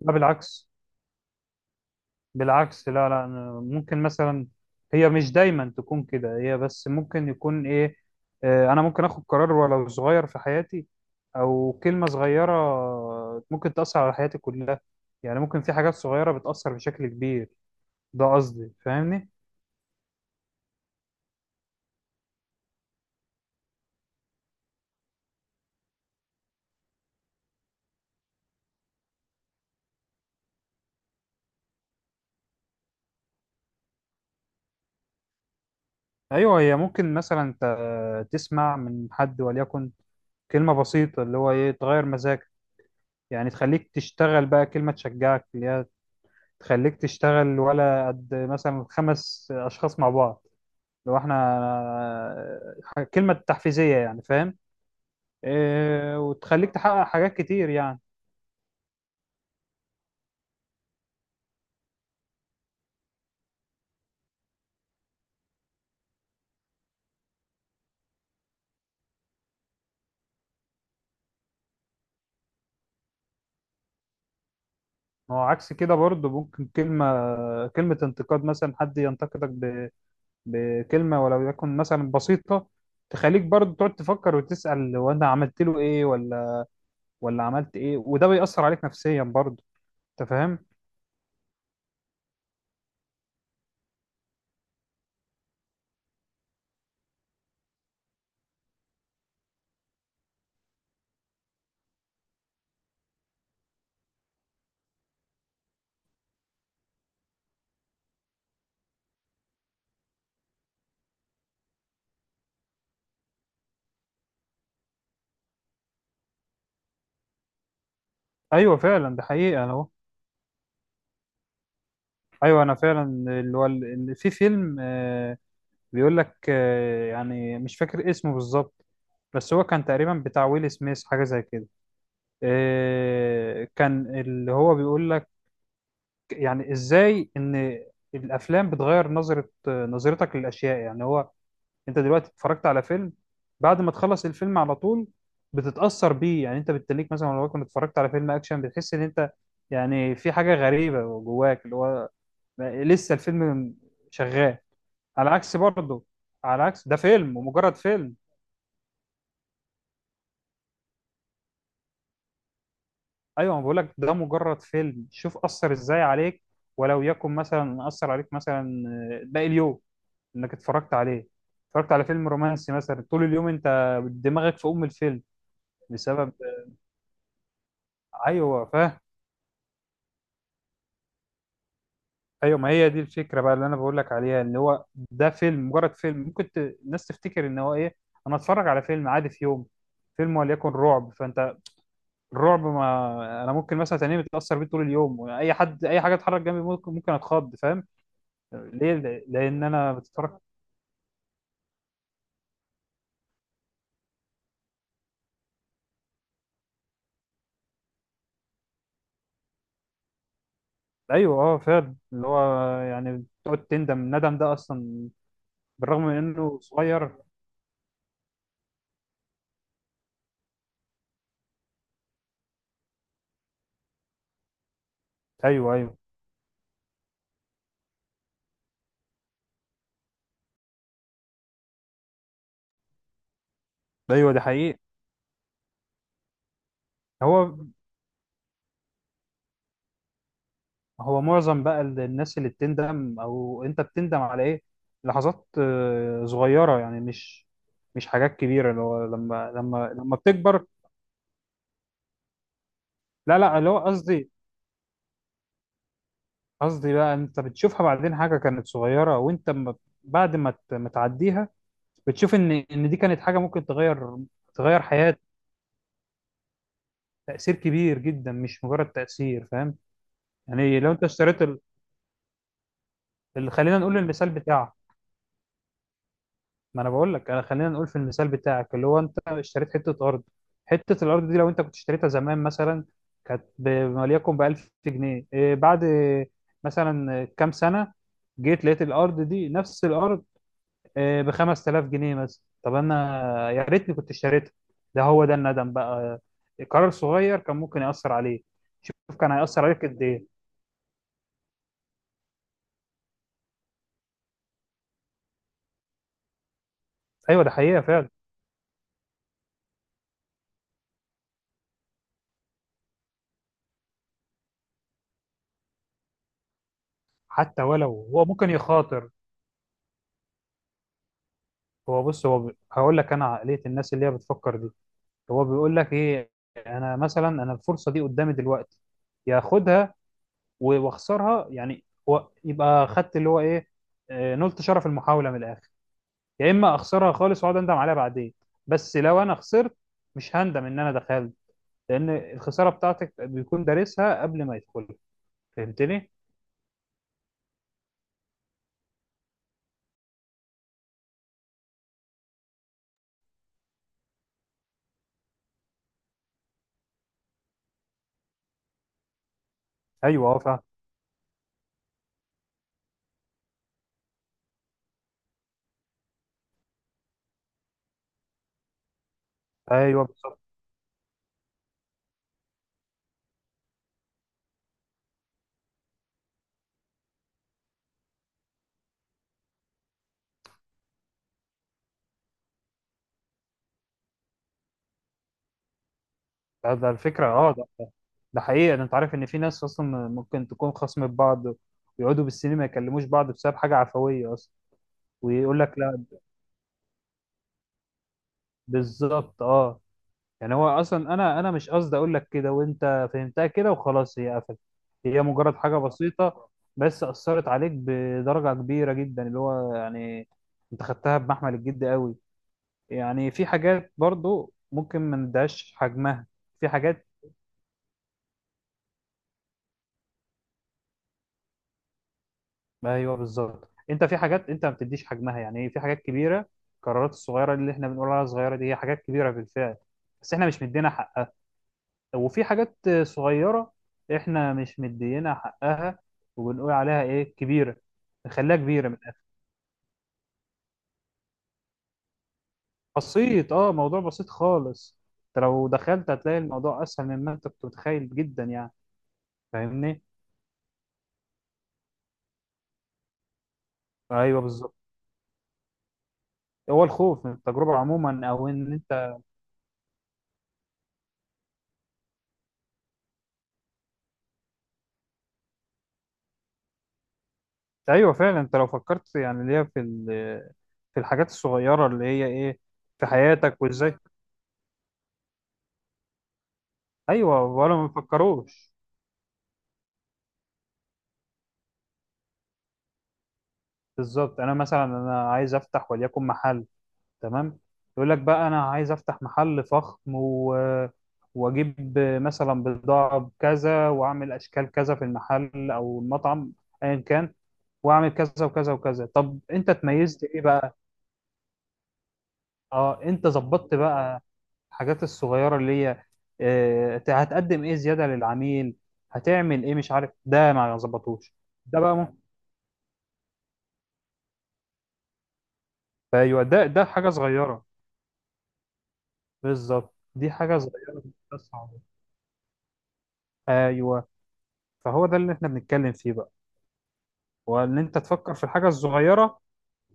لا، بالعكس، لا، لا، أنا ممكن مثلا، هي مش دايما تكون كده، هي بس ممكن يكون ايه. انا ممكن اخد قرار ولو صغير في حياتي، او كلمة صغيرة ممكن تأثر على حياتي كلها. يعني ممكن في حاجات صغيرة بتأثر بشكل كبير، ده قصدي، فاهمني؟ ايوه، هي ممكن مثلا انت تسمع من حد وليكن كلمة بسيطة اللي هو ايه تغير مزاجك، يعني تخليك تشتغل. بقى كلمة تشجعك اللي هي تخليك تشتغل، ولا قد مثلا خمس اشخاص مع بعض لو احنا كلمة تحفيزية، يعني فاهم؟ إيه وتخليك تحقق حاجات كتير يعني. ما هو عكس كده برضه ممكن كلمة انتقاد، مثلا حد ينتقدك بكلمة ولو يكن مثلا بسيطة، تخليك برضه تقعد تفكر وتسأل هو انا عملت له ايه ولا عملت ايه، وده بيأثر عليك نفسيا برضه، انت فاهم؟ ايوه فعلا ده حقيقة، انا اهو. ايوه انا فعلا، اللي هو ال- ال- في فيلم، بيقول لك، يعني مش فاكر اسمه بالظبط، بس هو كان تقريبا بتاع ويل سميث، حاجة زي كده. كان اللي هو بيقول لك يعني ازاي ان الافلام بتغير نظرة، نظرتك للاشياء. يعني هو انت دلوقتي اتفرجت على فيلم، بعد ما تخلص الفيلم على طول بتتأثر بيه. يعني انت بالتليك مثلا لو كنت اتفرجت على فيلم اكشن بتحس ان انت يعني في حاجة غريبة جواك، اللي هو لسه الفيلم شغال. على عكس برضه، على عكس ده فيلم ومجرد فيلم. ايوه، بقول لك ده مجرد فيلم، شوف اثر ازاي عليك، ولو يكن مثلا اثر عليك مثلا باقي اليوم انك اتفرجت عليه. اتفرجت على فيلم رومانسي مثلا طول اليوم انت دماغك في ام الفيلم بسبب. ايوه فاهم. ايوه ما هي دي الفكره بقى اللي انا بقول لك عليها، اللي هو ده فيلم مجرد فيلم، ممكن الناس تفتكر ان هو ايه، انا اتفرج على فيلم عادي في يوم. فيلم وليكن رعب، فانت الرعب ما انا ممكن مثلا تنام متاثر بيه طول اليوم، اي حد اي حاجه اتحرك جنبي ممكن ممكن اتخض فاهم؟ ليه؟ لان انا بتتفرج. ايوه اه فعلا اللي هو يعني بتقعد تندم، الندم ده اصلا بالرغم من انه صغير. ايوه، ايوه، ايوه، ده حقيقي. هو هو معظم بقى الناس اللي بتندم، او انت بتندم على ايه؟ لحظات صغيره، يعني مش حاجات كبيره، اللي هو لما بتكبر. لا، لا، اللي هو قصدي، قصدي بقى انت بتشوفها بعدين حاجه كانت صغيره وانت بعد ما ما تعديها، بتشوف ان دي كانت حاجه ممكن تغير، تغير حياتك. تأثير كبير جدا مش مجرد تأثير، فاهم؟ يعني لو انت اشتريت اللي خلينا نقول المثال بتاعك، ما انا بقول لك، انا خلينا نقول في المثال بتاعك، اللي هو انت اشتريت حتة ارض. حتة الارض دي لو انت كنت اشتريتها زمان مثلا كانت وليكن ب 1000 جنيه، إيه بعد مثلا كام سنة جيت لقيت الارض دي نفس الارض، إيه ب 5000 جنيه مثلا، طب انا يا ريتني كنت اشتريتها، ده هو ده الندم بقى، قرار صغير كان ممكن يأثر عليه. شوف كان هيأثر عليك قد ايه. ايوه ده حقيقة فعلا. حتى ولو هو ممكن يخاطر، هو بص، هو هقول لك انا عقلية الناس اللي هي بتفكر دي، هو بيقول لك ايه، انا مثلا الفرصة دي قدامي دلوقتي ياخدها واخسرها، يعني هو يبقى خدت اللي هو ايه، نلت شرف المحاولة من الاخر، يا اما اخسرها خالص واقعد اندم عليها بعدين. بس لو انا خسرت مش هندم ان انا دخلت، لان الخسارة بتاعتك بيكون دارسها قبل ما يدخلها، فهمتني؟ ايوه اه فاهم. ايوه ده الفكرة، اه ده حقيقة، ده انت عارف ان في ناس اصلا ممكن تكون خصم بعض ويقعدوا بالسنين ما يكلموش بعض بسبب حاجة عفوية اصلا. ويقول لك لا، بالظبط اه. يعني هو اصلا انا مش قصدي اقول لك كده، وانت فهمتها كده وخلاص هي قفلت، هي مجرد حاجة بسيطة بس اثرت عليك بدرجة كبيرة جدا، اللي هو يعني انت خدتها بمحمل الجد قوي. يعني في حاجات برضو ممكن ما نديهاش حجمها، في حاجات. ايوه بالظبط، انت في حاجات انت ما بتديش حجمها، يعني إيه؟ في حاجات كبيره، القرارات الصغيره اللي احنا بنقول عليها صغيره دي هي حاجات كبيره بالفعل، بس احنا مش مدينا حقها. وفي حاجات صغيره احنا مش مدينا حقها وبنقول عليها ايه كبيره، نخليها كبيره من الآخر. بسيط، اه موضوع بسيط خالص، انت لو دخلت هتلاقي الموضوع اسهل مما انت كنت متخيل جدا، يعني فاهمني؟ ايوه بالظبط. هو الخوف من التجربه عموما او ان. ايوه فعلا، انت لو فكرت يعني اللي هي في في الحاجات الصغيره اللي هي ايه في حياتك وازاي. ايوه ولا ما بيفكروش. بالظبط، انا مثلا عايز افتح وليكن محل، تمام، يقول لك بقى انا عايز افتح محل فخم واجيب مثلا بضاعه بكذا، واعمل اشكال كذا في المحل او المطعم ايا كان، واعمل كذا وكذا وكذا، طب انت اتميزت ايه بقى؟ اه انت ظبطت بقى. الحاجات الصغيرة اللي هي هتقدم ايه زيادة للعميل، هتعمل ايه مش عارف، ده ما ظبطوش. ده بقى ممكن، ايوه ده حاجة صغيرة، بالظبط دي حاجة صغيرة بس عظيمة. ايوه، فهو ده اللي احنا بنتكلم فيه بقى، وان انت تفكر في الحاجة الصغيرة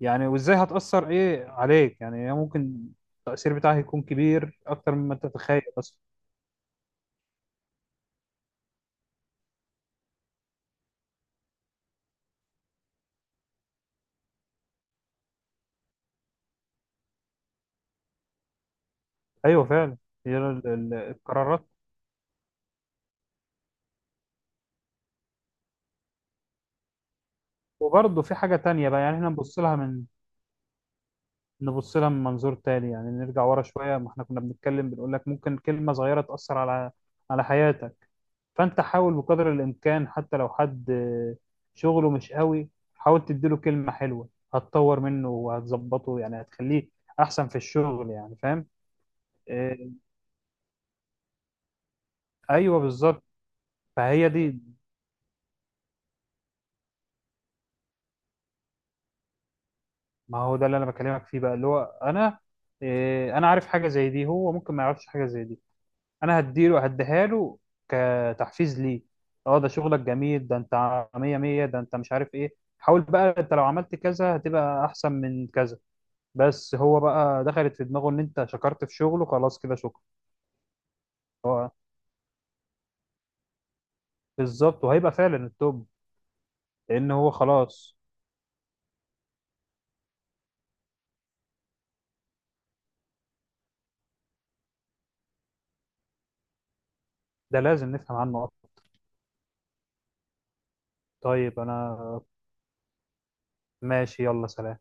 يعني، وازاي هتأثر ايه عليك، يعني هي ممكن التأثير بتاعها يكون كبير اكتر مما انت تتخيل بس. ايوه فعلا. هي القرارات. وبرضه في حاجة تانية بقى يعني احنا نبص لها من، نبص لها من منظور تاني، يعني نرجع ورا شوية، ما احنا كنا بنتكلم بنقول لك ممكن كلمة صغيرة تأثر على، على حياتك. فأنت حاول بقدر الإمكان حتى لو حد شغله مش قوي، حاول تديله كلمة حلوة هتطور منه وهتظبطه يعني، هتخليه أحسن في الشغل، يعني فاهم؟ آه، أيوه بالظبط. فهي دي، ما هو ده اللي أنا بكلمك فيه بقى، اللي هو أنا عارف حاجة زي دي، هو ممكن ما يعرفش حاجة زي دي، انا هديله هديها له كتحفيز ليه. اه ده شغلك جميل، ده انت مية مية، ده انت مش عارف، ايه حاول بقى، انت لو عملت كذا هتبقى احسن من كذا. بس هو بقى دخلت في دماغه ان انت شكرت في شغله، خلاص كده شكرا. هو بالظبط، وهيبقى فعلا التوب لان هو خلاص. ده لازم نفهم عنه اكتر. طيب انا، ماشي يلا سلام.